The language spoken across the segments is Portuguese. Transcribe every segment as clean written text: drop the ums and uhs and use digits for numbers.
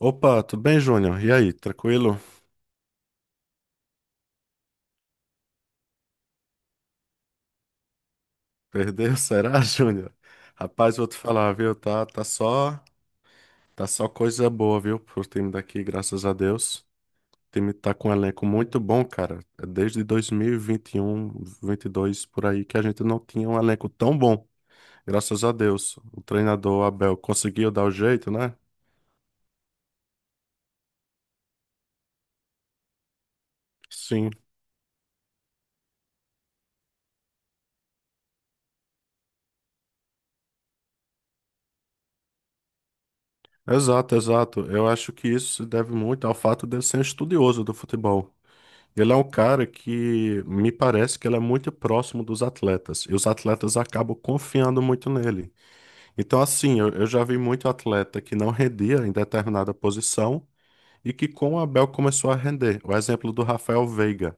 Opa, tudo bem, Júnior? E aí, tranquilo? Perdeu? Será, Júnior? Rapaz, vou te falar, viu? Tá só coisa boa, viu, pro time daqui, graças a Deus. O time tá com um elenco muito bom, cara. É desde 2021, 22 por aí que a gente não tinha um elenco tão bom. Graças a Deus. O treinador Abel conseguiu dar o jeito, né? Sim. Exato, exato. Eu acho que isso se deve muito ao fato de eu ser um estudioso do futebol. Ele é um cara que me parece que ele é muito próximo dos atletas, e os atletas acabam confiando muito nele. Então, assim, eu já vi muito atleta que não rendia em determinada posição e que com o Abel começou a render. O exemplo do Rafael Veiga,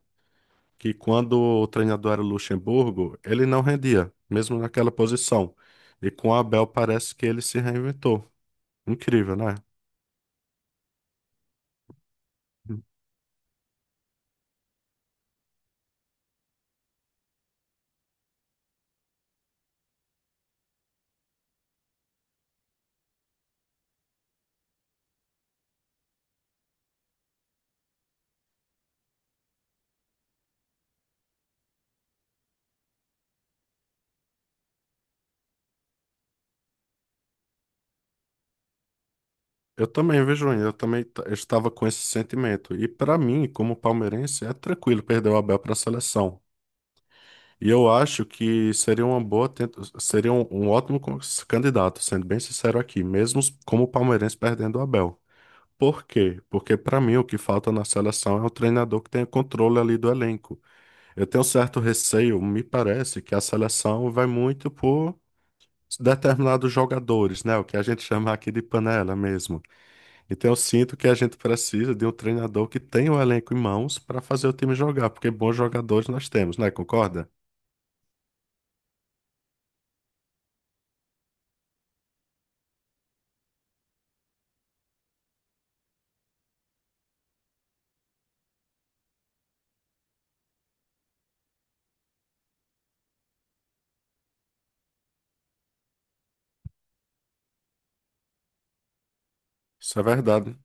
que quando o treinador era o Luxemburgo, ele não rendia, mesmo naquela posição. E com o Abel parece que ele se reinventou. Incrível, né? Eu também, vejo Eu também t- Eu estava com esse sentimento. E para mim, como palmeirense, é tranquilo perder o Abel para a seleção. E eu acho que seria seria um candidato, sendo bem sincero aqui, mesmo como palmeirense perdendo o Abel. Por quê? Porque para mim o que falta na seleção é um treinador que tenha controle ali do elenco. Eu tenho certo receio, me parece que a seleção vai muito por determinados jogadores, né? O que a gente chama aqui de panela mesmo. Então eu sinto que a gente precisa de um treinador que tenha o elenco em mãos para fazer o time jogar, porque bons jogadores nós temos, né? Concorda? Isso é verdade.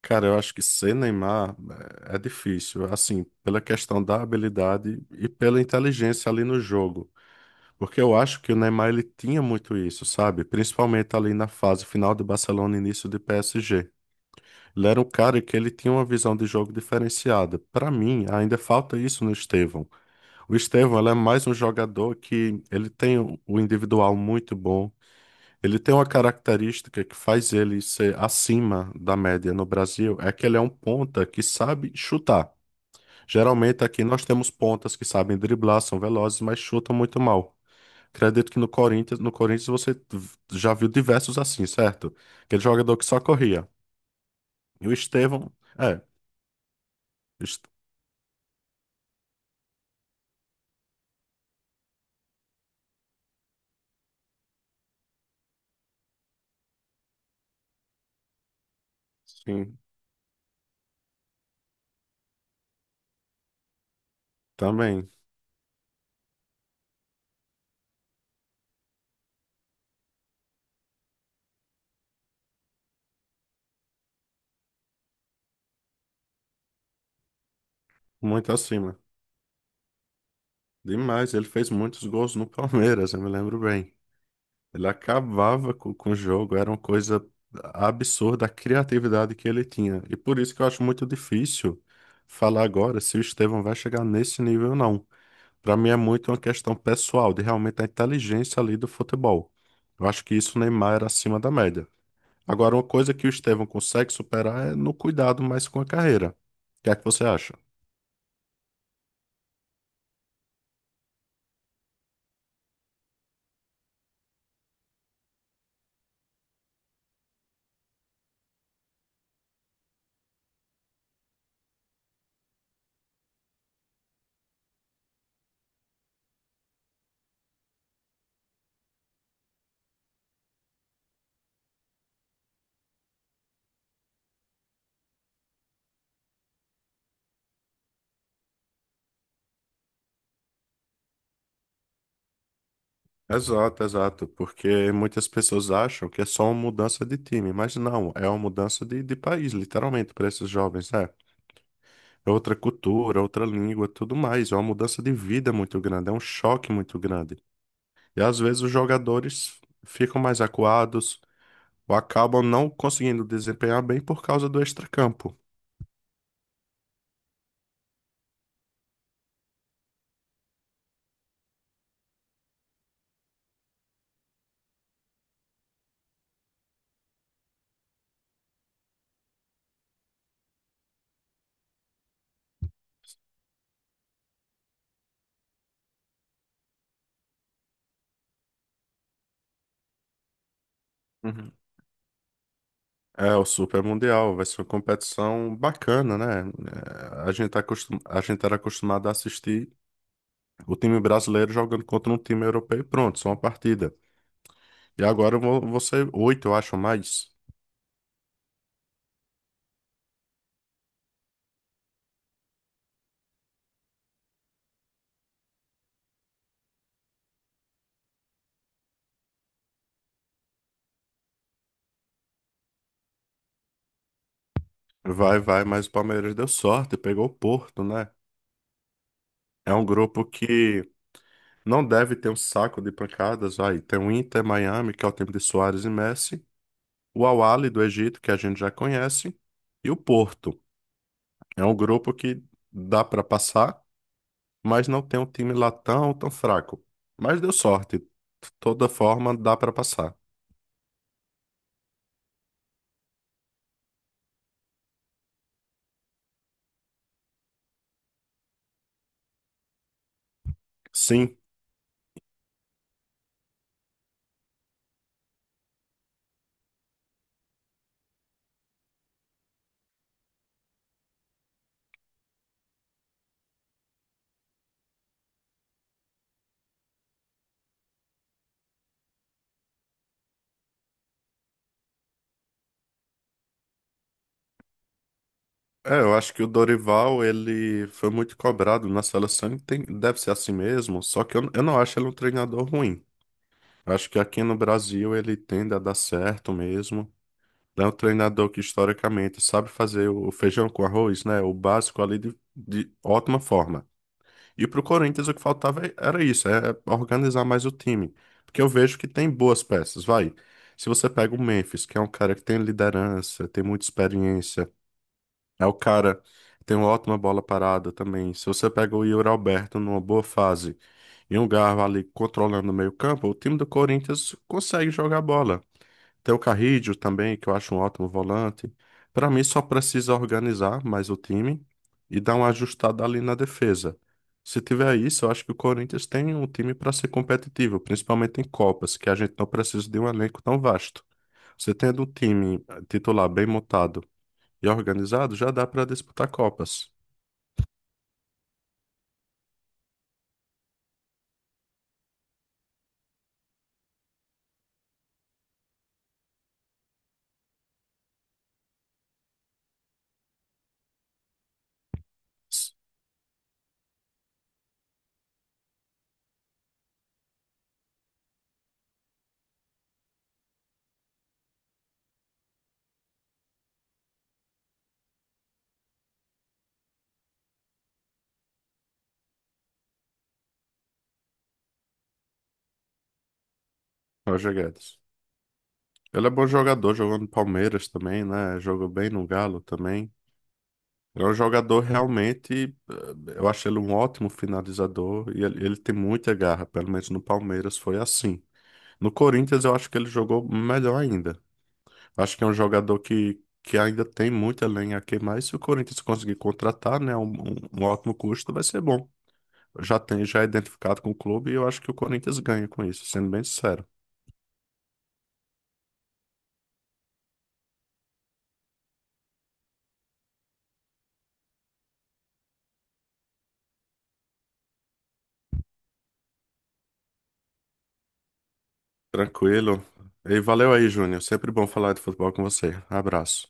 Cara, eu acho que ser Neymar é difícil, assim, pela questão da habilidade e pela inteligência ali no jogo. Porque eu acho que o Neymar ele tinha muito isso, sabe? Principalmente ali na fase final do Barcelona, início de PSG. Ele era um cara que ele tinha uma visão de jogo diferenciada. Para mim, ainda falta isso no Estevão. O Estevão, ele é mais um jogador que ele tem o individual muito bom. Ele tem uma característica que faz ele ser acima da média no Brasil, é que ele é um ponta que sabe chutar. Geralmente aqui nós temos pontas que sabem driblar, são velozes, mas chutam muito mal. Acredito que no Corinthians, no Corinthians já viu diversos assim, certo? Aquele jogador que só corria. E o Estevão, é, sim, também. Muito acima. Demais. Ele fez muitos gols no Palmeiras, eu me lembro bem. Ele o jogo, era uma coisa absurda a criatividade que ele tinha. E por isso que eu acho muito difícil falar agora se o Estevão vai chegar nesse nível ou não. Para mim é muito uma questão pessoal, de realmente a inteligência ali do futebol. Eu acho que isso o Neymar era acima da média. Agora, uma coisa que o Estevão consegue superar é no cuidado mais com a carreira. O que é que você acha? Exato, exato, porque muitas pessoas acham que é só uma mudança de time, mas não, é uma mudança de país, literalmente, para esses jovens, né? É outra cultura, outra língua, tudo mais, é uma mudança de vida muito grande, é um choque muito grande. E às vezes os jogadores ficam mais acuados ou acabam não conseguindo desempenhar bem por causa do extracampo. Uhum. É, o Super Mundial vai ser uma competição bacana, né? É, a gente era acostumado a assistir o time brasileiro jogando contra um time europeu e pronto, só uma partida. E agora você, oito, eu acho mais. Vai, vai, mas o Palmeiras deu sorte, pegou o Porto, né? É um grupo que não deve ter um saco de pancadas, vai. Tem o Inter Miami, que é o time de Suárez e Messi, o Al Ahly do Egito, que a gente já conhece, e o Porto. É um grupo que dá pra passar, mas não tem um time lá tão fraco. Mas deu sorte. De toda forma, dá pra passar. Sim. É, eu acho que o Dorival, ele foi muito cobrado na seleção e deve ser assim mesmo, só que eu não acho ele um treinador ruim. Eu acho que aqui no Brasil ele tende a dar certo mesmo. Ele é um treinador que historicamente sabe fazer o feijão com arroz, né? O básico ali de ótima forma. E pro Corinthians o que era isso, é organizar mais o time. Porque eu vejo que tem boas peças, vai. Se você pega o Memphis, que é um cara que tem liderança, tem muita experiência, é o cara. Tem uma ótima bola parada também. Se você pega o Yuri Alberto numa boa fase e um Garro ali controlando o meio-campo, o time do Corinthians consegue jogar bola. Tem o Carrídio também, que eu acho um ótimo volante. Para mim, só precisa organizar mais o time e dar uma ajustada ali na defesa. Se tiver isso, eu acho que o Corinthians tem um time para ser competitivo, principalmente em Copas, que a gente não precisa de um elenco tão vasto. Você tendo um time titular bem montado e organizado, já dá para disputar Copas. Roger Guedes. Ele é bom jogador, jogou no Palmeiras também, né? Jogou bem no Galo também. É um jogador realmente, eu acho ele um ótimo finalizador e ele tem muita garra, pelo menos no Palmeiras foi assim. No Corinthians eu acho que ele jogou melhor ainda. Acho que é um jogador que ainda tem muita lenha a queimar e se o Corinthians conseguir contratar, né, um ótimo custo vai ser bom. Já tem, já é identificado com o clube e eu acho que o Corinthians ganha com isso, sendo bem sincero. Tranquilo. E valeu aí, Júnior. Sempre bom falar de futebol com você. Abraço.